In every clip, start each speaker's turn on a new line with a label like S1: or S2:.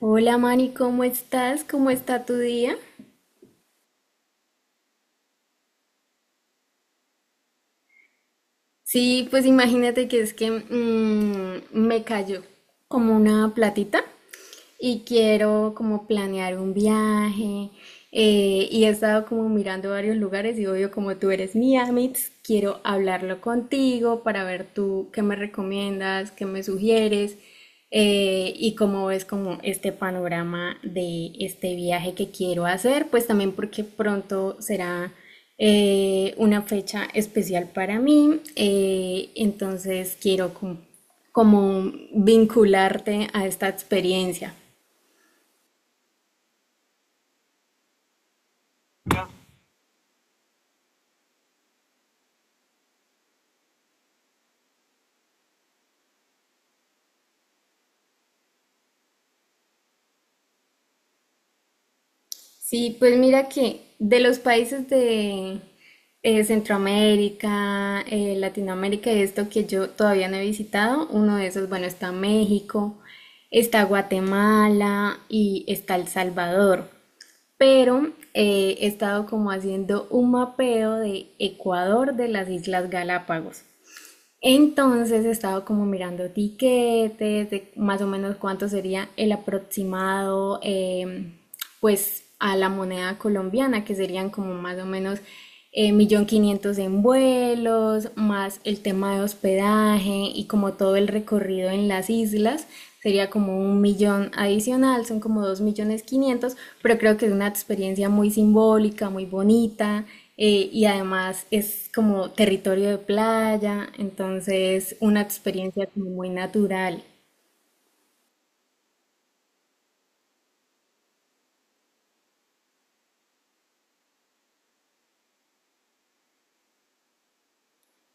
S1: Hola Mari, ¿cómo estás? ¿Cómo está tu día? Sí, pues imagínate que es que me cayó como una platita y quiero como planear un viaje. Y he estado como mirando varios lugares y obvio como tú eres mi Amitz, quiero hablarlo contigo para ver tú qué me recomiendas, qué me sugieres. Y cómo ves como este panorama de este viaje que quiero hacer, pues también porque pronto será una fecha especial para mí, entonces quiero como vincularte a esta experiencia. Sí, pues mira que de los países de Centroamérica, Latinoamérica y esto que yo todavía no he visitado, uno de esos, bueno, está México, está Guatemala y está El Salvador. Pero he estado como haciendo un mapeo de Ecuador de las Islas Galápagos. Entonces he estado como mirando tiquetes, de más o menos cuánto sería el aproximado, pues a la moneda colombiana, que serían como más o menos 1.500.000 en vuelos, más el tema de hospedaje y como todo el recorrido en las islas, sería como un millón adicional, son como dos millones quinientos, pero creo que es una experiencia muy simbólica, muy bonita y además es como territorio de playa, entonces una experiencia como muy natural.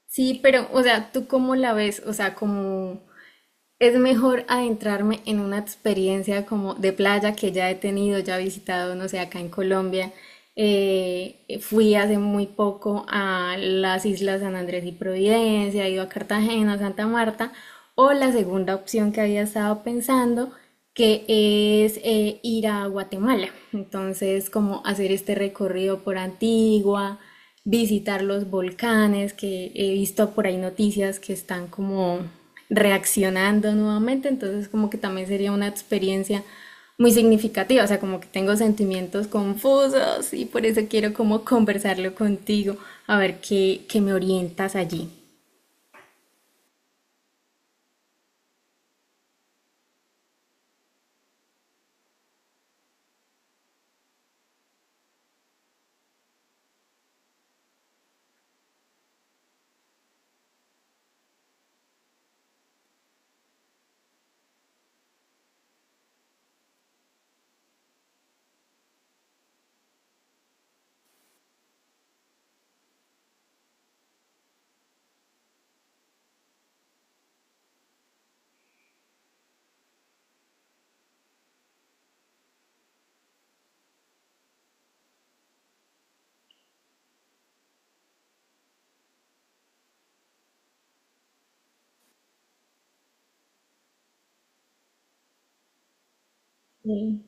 S1: Sí, pero, o sea, ¿tú cómo la ves? O sea, como es mejor adentrarme en una experiencia como de playa que ya he tenido, ya he visitado, no sé, acá en Colombia. Fui hace muy poco a las islas San Andrés y Providencia, he ido a Cartagena, Santa Marta, o la segunda opción que había estado pensando, que es ir a Guatemala. Entonces, como hacer este recorrido por Antigua, visitar los volcanes, que he visto por ahí noticias que están como reaccionando nuevamente, entonces como que también sería una experiencia muy significativa, o sea, como que tengo sentimientos confusos y por eso quiero como conversarlo contigo, a ver qué me orientas allí. Sí.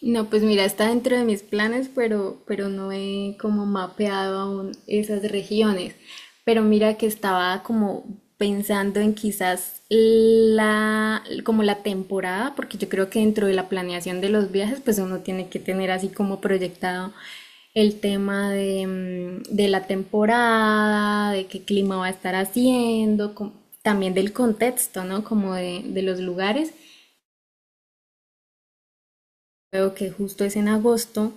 S1: No, pues mira, está dentro de mis planes, pero no he como mapeado aún esas regiones. Pero mira que estaba como pensando en quizás como la temporada, porque yo creo que dentro de la planeación de los viajes, pues uno tiene que tener así como proyectado el tema de la temporada, de qué clima va a estar haciendo, también del contexto, ¿no? Como de los lugares, veo que justo es en agosto,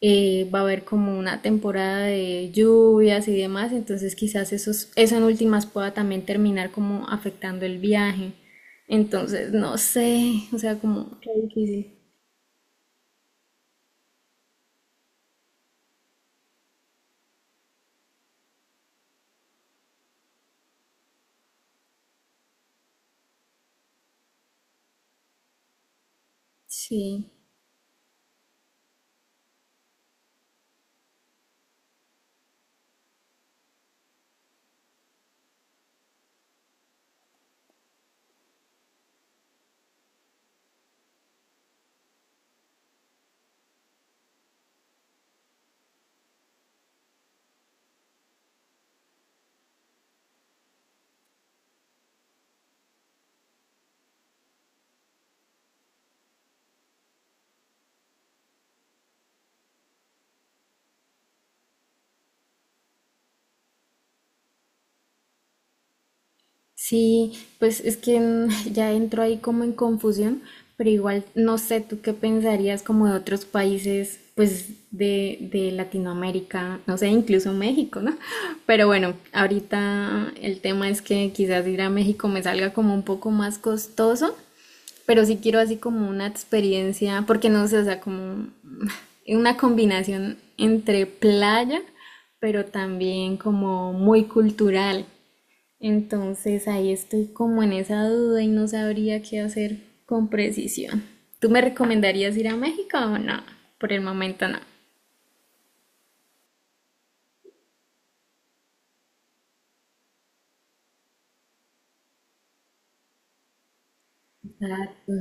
S1: va a haber como una temporada de lluvias y demás, entonces quizás eso en últimas pueda también terminar como afectando el viaje. Entonces, no sé, o sea, como qué difícil. Sí. Sí, pues es que ya entro ahí como en confusión, pero igual no sé tú qué pensarías como de otros países, pues de Latinoamérica, no sé, incluso México, ¿no? Pero bueno, ahorita el tema es que quizás ir a México me salga como un poco más costoso, pero sí quiero así como una experiencia, porque no sé, o sea, como una combinación entre playa, pero también como muy cultural. Entonces ahí estoy como en esa duda y no sabría qué hacer con precisión. ¿Tú me recomendarías ir a México o no? Por el momento no. Exacto.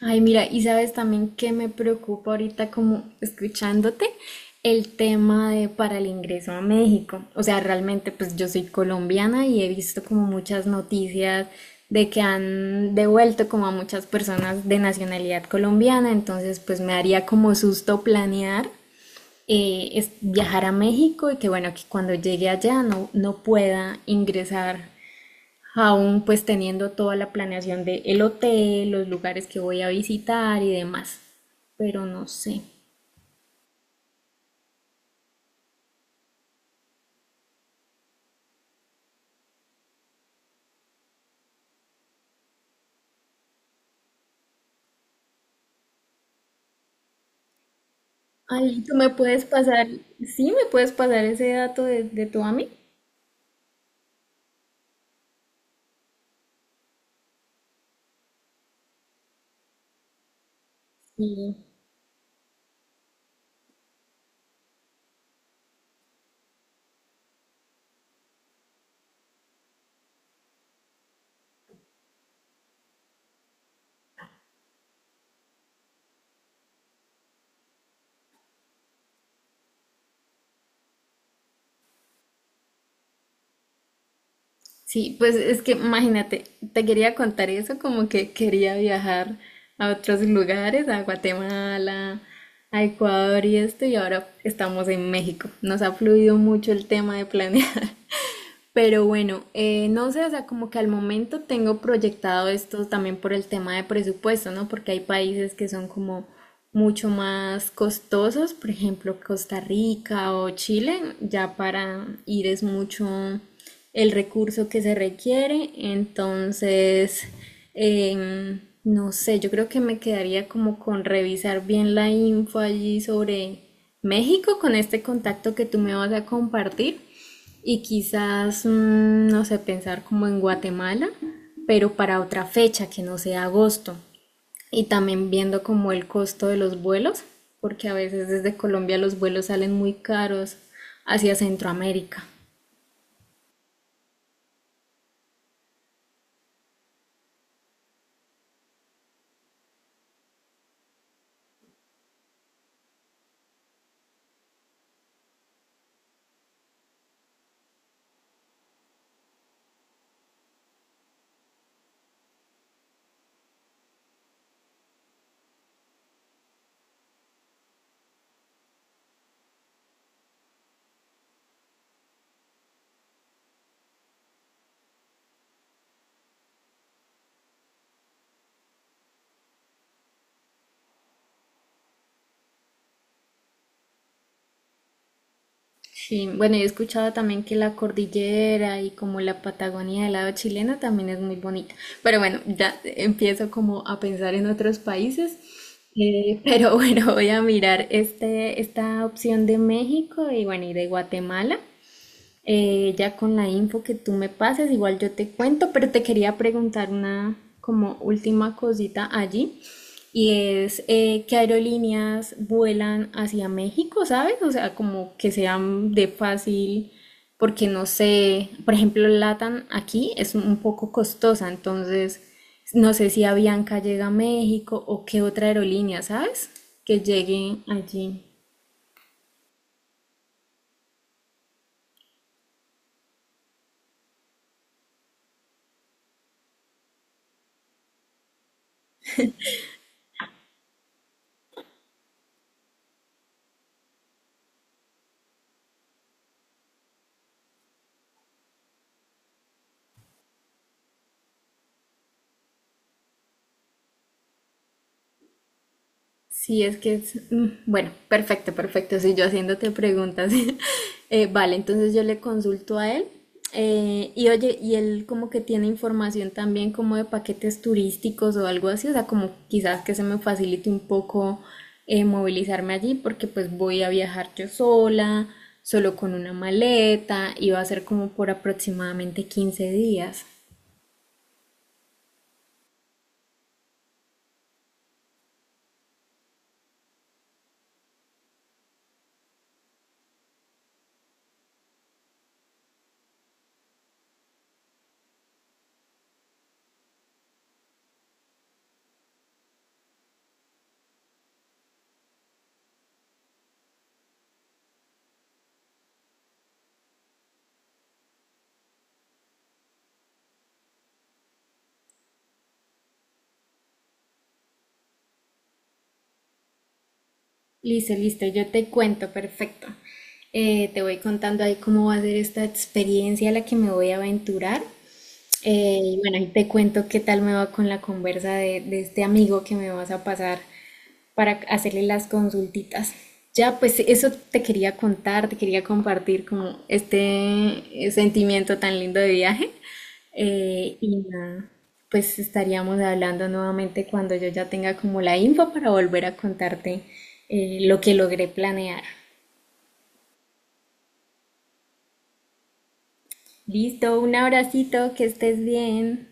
S1: Ay, mira, y sabes también que me preocupa ahorita como escuchándote el tema de para el ingreso a México. O sea, realmente pues yo soy colombiana y he visto como muchas noticias de que han devuelto como a muchas personas de nacionalidad colombiana, entonces pues me haría como susto planear es viajar a México y que bueno, que cuando llegue allá no, no pueda ingresar aún pues teniendo toda la planeación de el hotel, los lugares que voy a visitar y demás. Pero no sé. Ali, ¿tú me puedes pasar? Sí, ¿me puedes pasar ese dato de tu amigo? Sí. Sí, pues es que imagínate, te quería contar eso, como que quería viajar a otros lugares, a Guatemala, a Ecuador y esto, y ahora estamos en México. Nos ha fluido mucho el tema de planear. Pero bueno, no sé, o sea, como que al momento tengo proyectado esto también por el tema de presupuesto, ¿no? Porque hay países que son como mucho más costosos, por ejemplo, Costa Rica o Chile, ya para ir es mucho el recurso que se requiere, entonces, no sé, yo creo que me quedaría como con revisar bien la info allí sobre México con este contacto que tú me vas a compartir y quizás, no sé, pensar como en Guatemala, pero para otra fecha que no sea agosto. Y también viendo como el costo de los vuelos, porque a veces desde Colombia los vuelos salen muy caros hacia Centroamérica. Sí, bueno, yo he escuchado también que la cordillera y como la Patagonia del lado chileno también es muy bonita. Pero bueno, ya empiezo como a pensar en otros países. Pero bueno, voy a mirar esta opción de México y bueno, y de Guatemala. Ya con la info que tú me pases, igual yo te cuento, pero te quería preguntar una como última cosita allí. Y es ¿qué aerolíneas vuelan hacia México, sabes? O sea, como que sean de fácil, porque no sé, por ejemplo, Latam aquí es un poco costosa, entonces no sé si Avianca llega a México o qué otra aerolínea, ¿sabes? Que llegue allí. Sí, es que es, bueno, perfecto, perfecto. Si yo haciéndote preguntas. Vale, entonces yo le consulto a él. Y oye, y él como que tiene información también como de paquetes turísticos o algo así. O sea, como quizás que se me facilite un poco movilizarme allí porque pues voy a viajar yo sola, solo con una maleta y va a ser como por aproximadamente 15 días. Listo, listo, yo te cuento, perfecto. Te voy contando ahí cómo va a ser esta experiencia a la que me voy a aventurar. Y bueno, ahí te cuento qué tal me va con la conversa de este amigo que me vas a pasar para hacerle las consultitas. Ya, pues eso te quería contar, te quería compartir como este sentimiento tan lindo de viaje. Y nada, pues estaríamos hablando nuevamente cuando yo ya tenga como la info para volver a contarte lo que logré planear. Listo, un abracito, que estés bien.